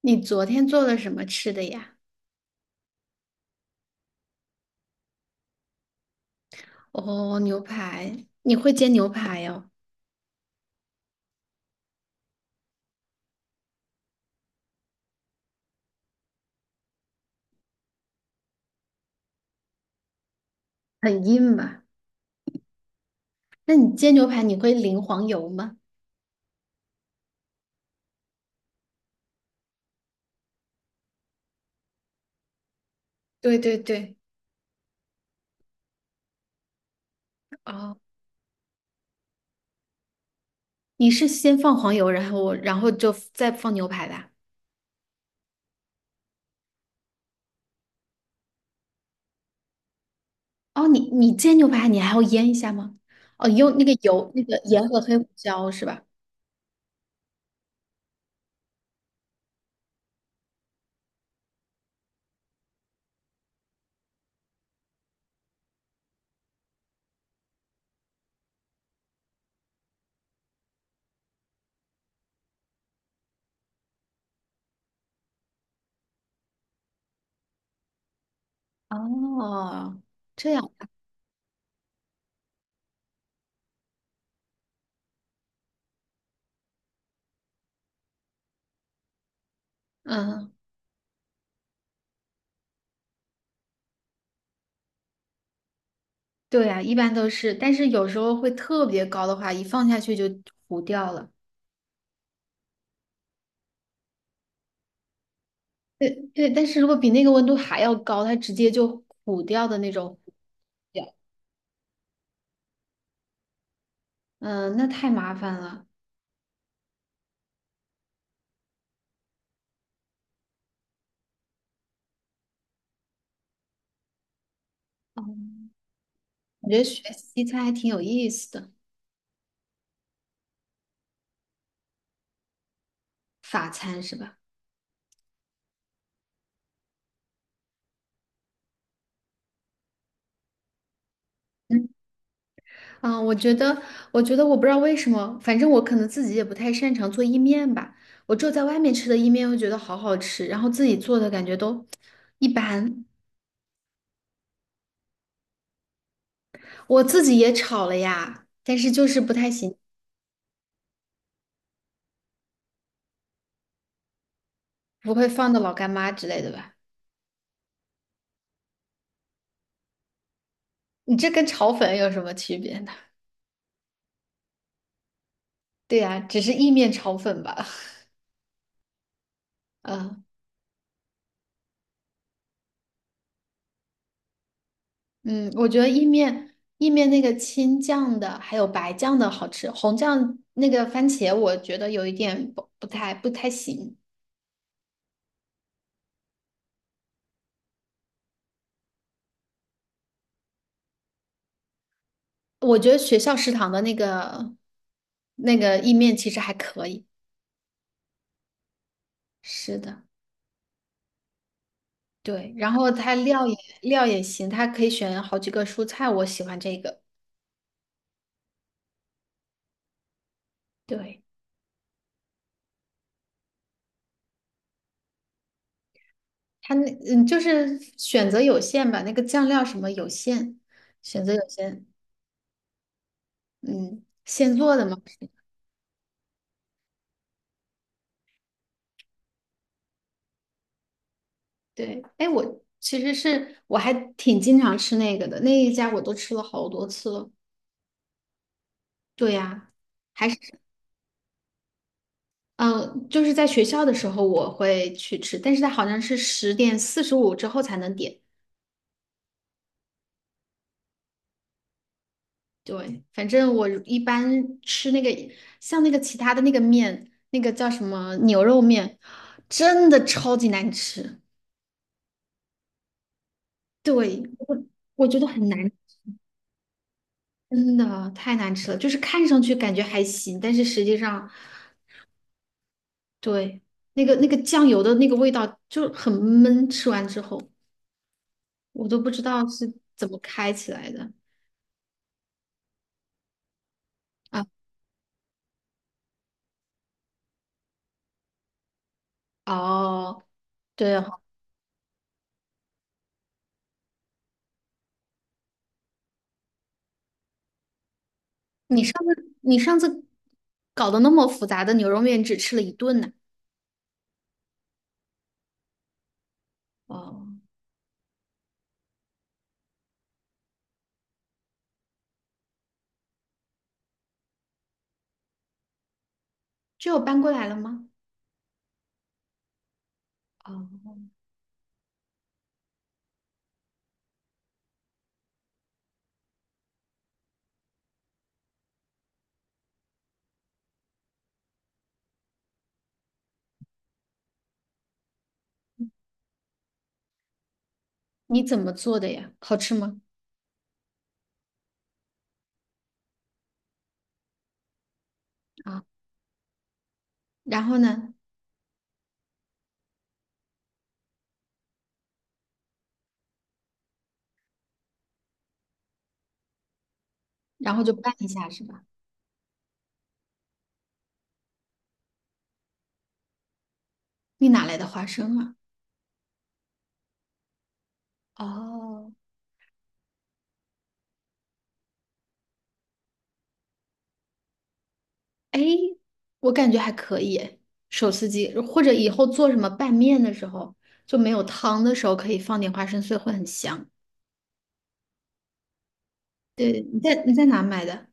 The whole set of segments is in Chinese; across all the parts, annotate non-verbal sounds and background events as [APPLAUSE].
你昨天做了什么吃的呀？哦，牛排，你会煎牛排哦。很硬吧？那你煎牛排你会淋黄油吗？对对对。哦，你是先放黄油，然后我，然后就再放牛排的啊？哦，你你煎牛排你还要腌一下吗？哦，你用那个油，那个盐和黑胡椒是吧？哦，这样。嗯，对呀，一般都是，但是有时候会特别高的话，一放下去就糊掉了。对对，但是如果比那个温度还要高，它直接就糊掉的那种糊掉。嗯，那太麻烦了。嗯，我觉得学西餐还挺有意思的。法餐是吧？嗯。啊，我觉得，我觉得我不知道为什么，反正我可能自己也不太擅长做意面吧。我只有在外面吃的意面会觉得好好吃，然后自己做的感觉都一般。我自己也炒了呀，但是就是不太行。不会放的老干妈之类的吧？你这跟炒粉有什么区别呢？对呀，只是意面炒粉吧。嗯。嗯，我觉得意面意面那个青酱的还有白酱的好吃，红酱那个番茄我觉得有一点不太行。我觉得学校食堂的那个那个意面其实还可以。是的。对，然后它料也料也行，它可以选好几个蔬菜，我喜欢这个。对。它那嗯，就是选择有限吧，那个酱料什么有限，选择有限。嗯，现做的嘛。对。哎，我其实是我还挺经常吃那个的，那一家我都吃了好多次了。对呀。还是就是在学校的时候我会去吃，但是它好像是10:45之后才能点。对，反正我一般吃那个，像那个其他的那个面，那个叫什么牛肉面，真的超级难吃。对，我觉得很难。真的太难吃了。就是看上去感觉还行，但是实际上。对。那个那个酱油的那个味道就很闷，吃完之后我都不知道是怎么开起来的。啊。哦，对哦。你上次搞得那么复杂的牛肉面只吃了一顿呢。哦，就有搬过来了吗？哦，你怎么做的呀？好吃吗？啊，然后呢？然后就拌一下是吧？你哪来的花生啊？哦。哎，我感觉还可以诶。手撕鸡，或者以后做什么拌面的时候，就没有汤的时候，可以放点花生碎，会很香。对，你在哪买的？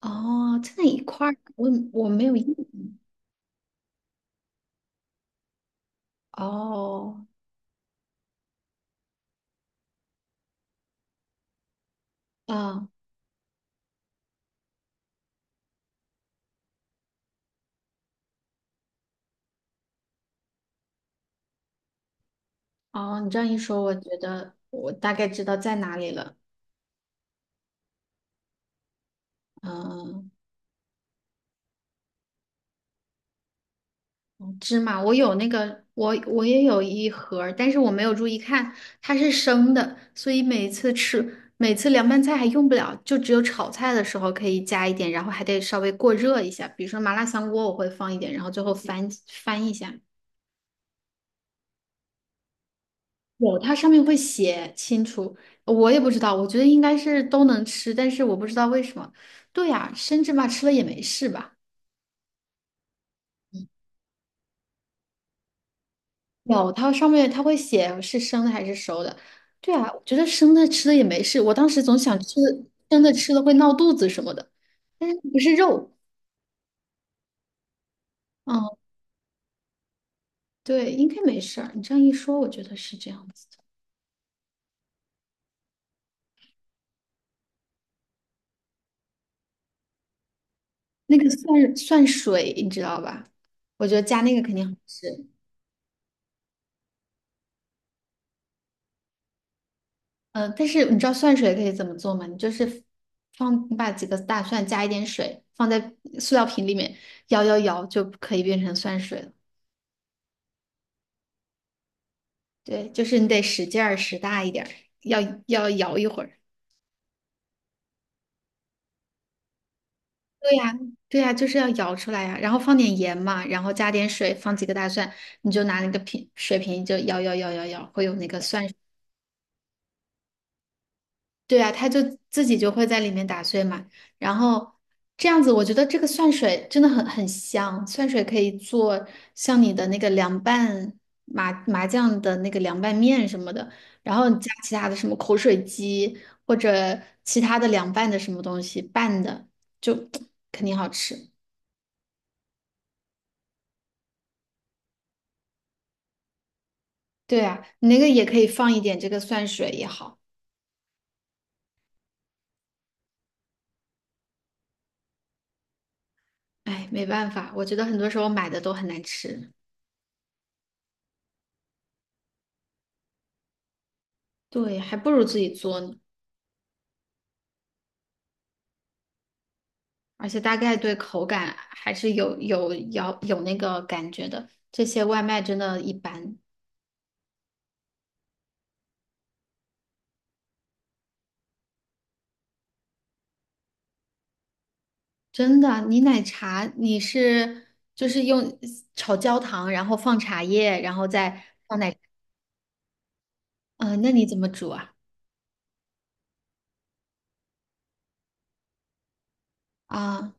哦，在那一块儿，我没有印象。哦。啊。哦，你这样一说，我觉得我大概知道在哪里了。嗯。芝麻，我有那个，我也有一盒儿但是我没有注意看。它是生的，所以每次吃，每次凉拌菜还用不了，就只有炒菜的时候可以加一点，然后还得稍微过热一下。比如说麻辣香锅，我会放一点，然后最后翻一下。有，它上面会写清楚。我也不知道，我觉得应该是都能吃，但是我不知道为什么。对呀，生芝麻吃了也没事吧。有，它上面它会写是生的还是熟的。对啊，我觉得生的吃了也没事。我当时总想吃生的吃了会闹肚子什么的，但是不是肉。嗯。对，应该没事儿。你这样一说，我觉得是这样子的。那个蒜水，你知道吧？我觉得加那个肯定好吃。嗯、但是你知道蒜水可以怎么做吗？你就是放，你把几个大蒜加一点水，放在塑料瓶里面摇，就可以变成蒜水了。对，就是你得使劲儿使大一点儿，要要摇一会儿。对呀，对呀，就是要摇出来呀，然后放点盐嘛，然后加点水，放几个大蒜，你就拿那个瓶水瓶就摇，会有那个蒜。对啊，它就自己就会在里面打碎嘛。然后这样子，我觉得这个蒜水真的很香，蒜水可以做像你的那个凉拌麻酱的那个凉拌面什么的，然后加其他的什么口水鸡或者其他的凉拌的什么东西拌的，就 [TSK] 肯定好吃。对啊，你那个也可以放一点这个蒜水也好。哎，没办法，我觉得很多时候买的都很难吃。对，还不如自己做呢。而且大概对口感还是要有那个感觉的。这些外卖真的一般。真的。你奶茶你是就是用炒焦糖，然后放茶叶，然后再放奶？嗯、那你怎么煮啊？啊。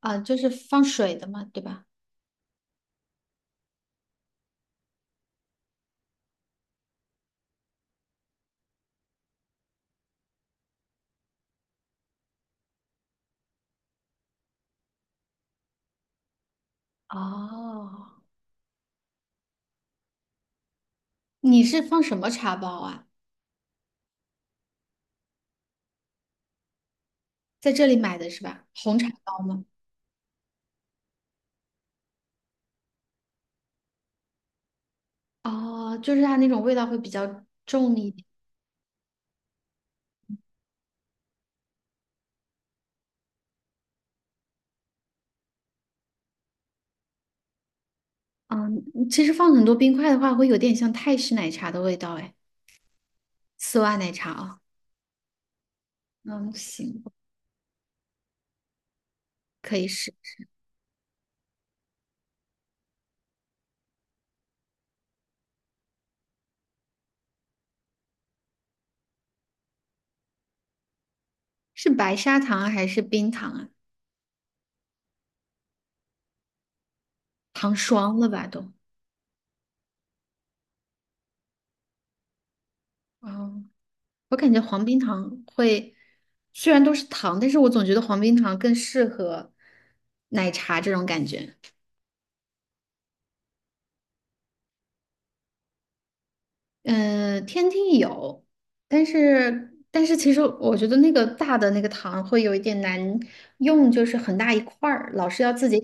啊，就是放水的嘛，对吧？哦，你是放什么茶包啊？在这里买的是吧？红茶包吗？哦，就是它那种味道会比较重一点。嗯，其实放很多冰块的话，会有点像泰式奶茶的味道，哎。丝袜奶茶哦。嗯，行，可以试。是白砂糖啊还是冰糖啊？糖霜了吧都？哦，我感觉黄冰糖会，虽然都是糖，但是我总觉得黄冰糖更适合奶茶这种感觉。嗯、天梯有，但是其实我觉得那个大的那个糖会有一点难用，就是很大一块儿，老是要自己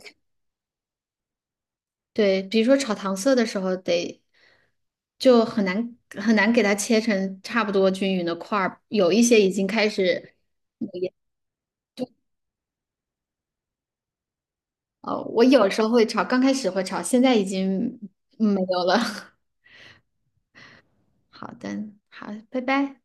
对，比如说炒糖色的时候得，就很难给它切成差不多均匀的块儿，有一些已经开始没我有时候会炒，刚开始会炒，现在已经没有了。[LAUGHS] 好的，好，拜拜。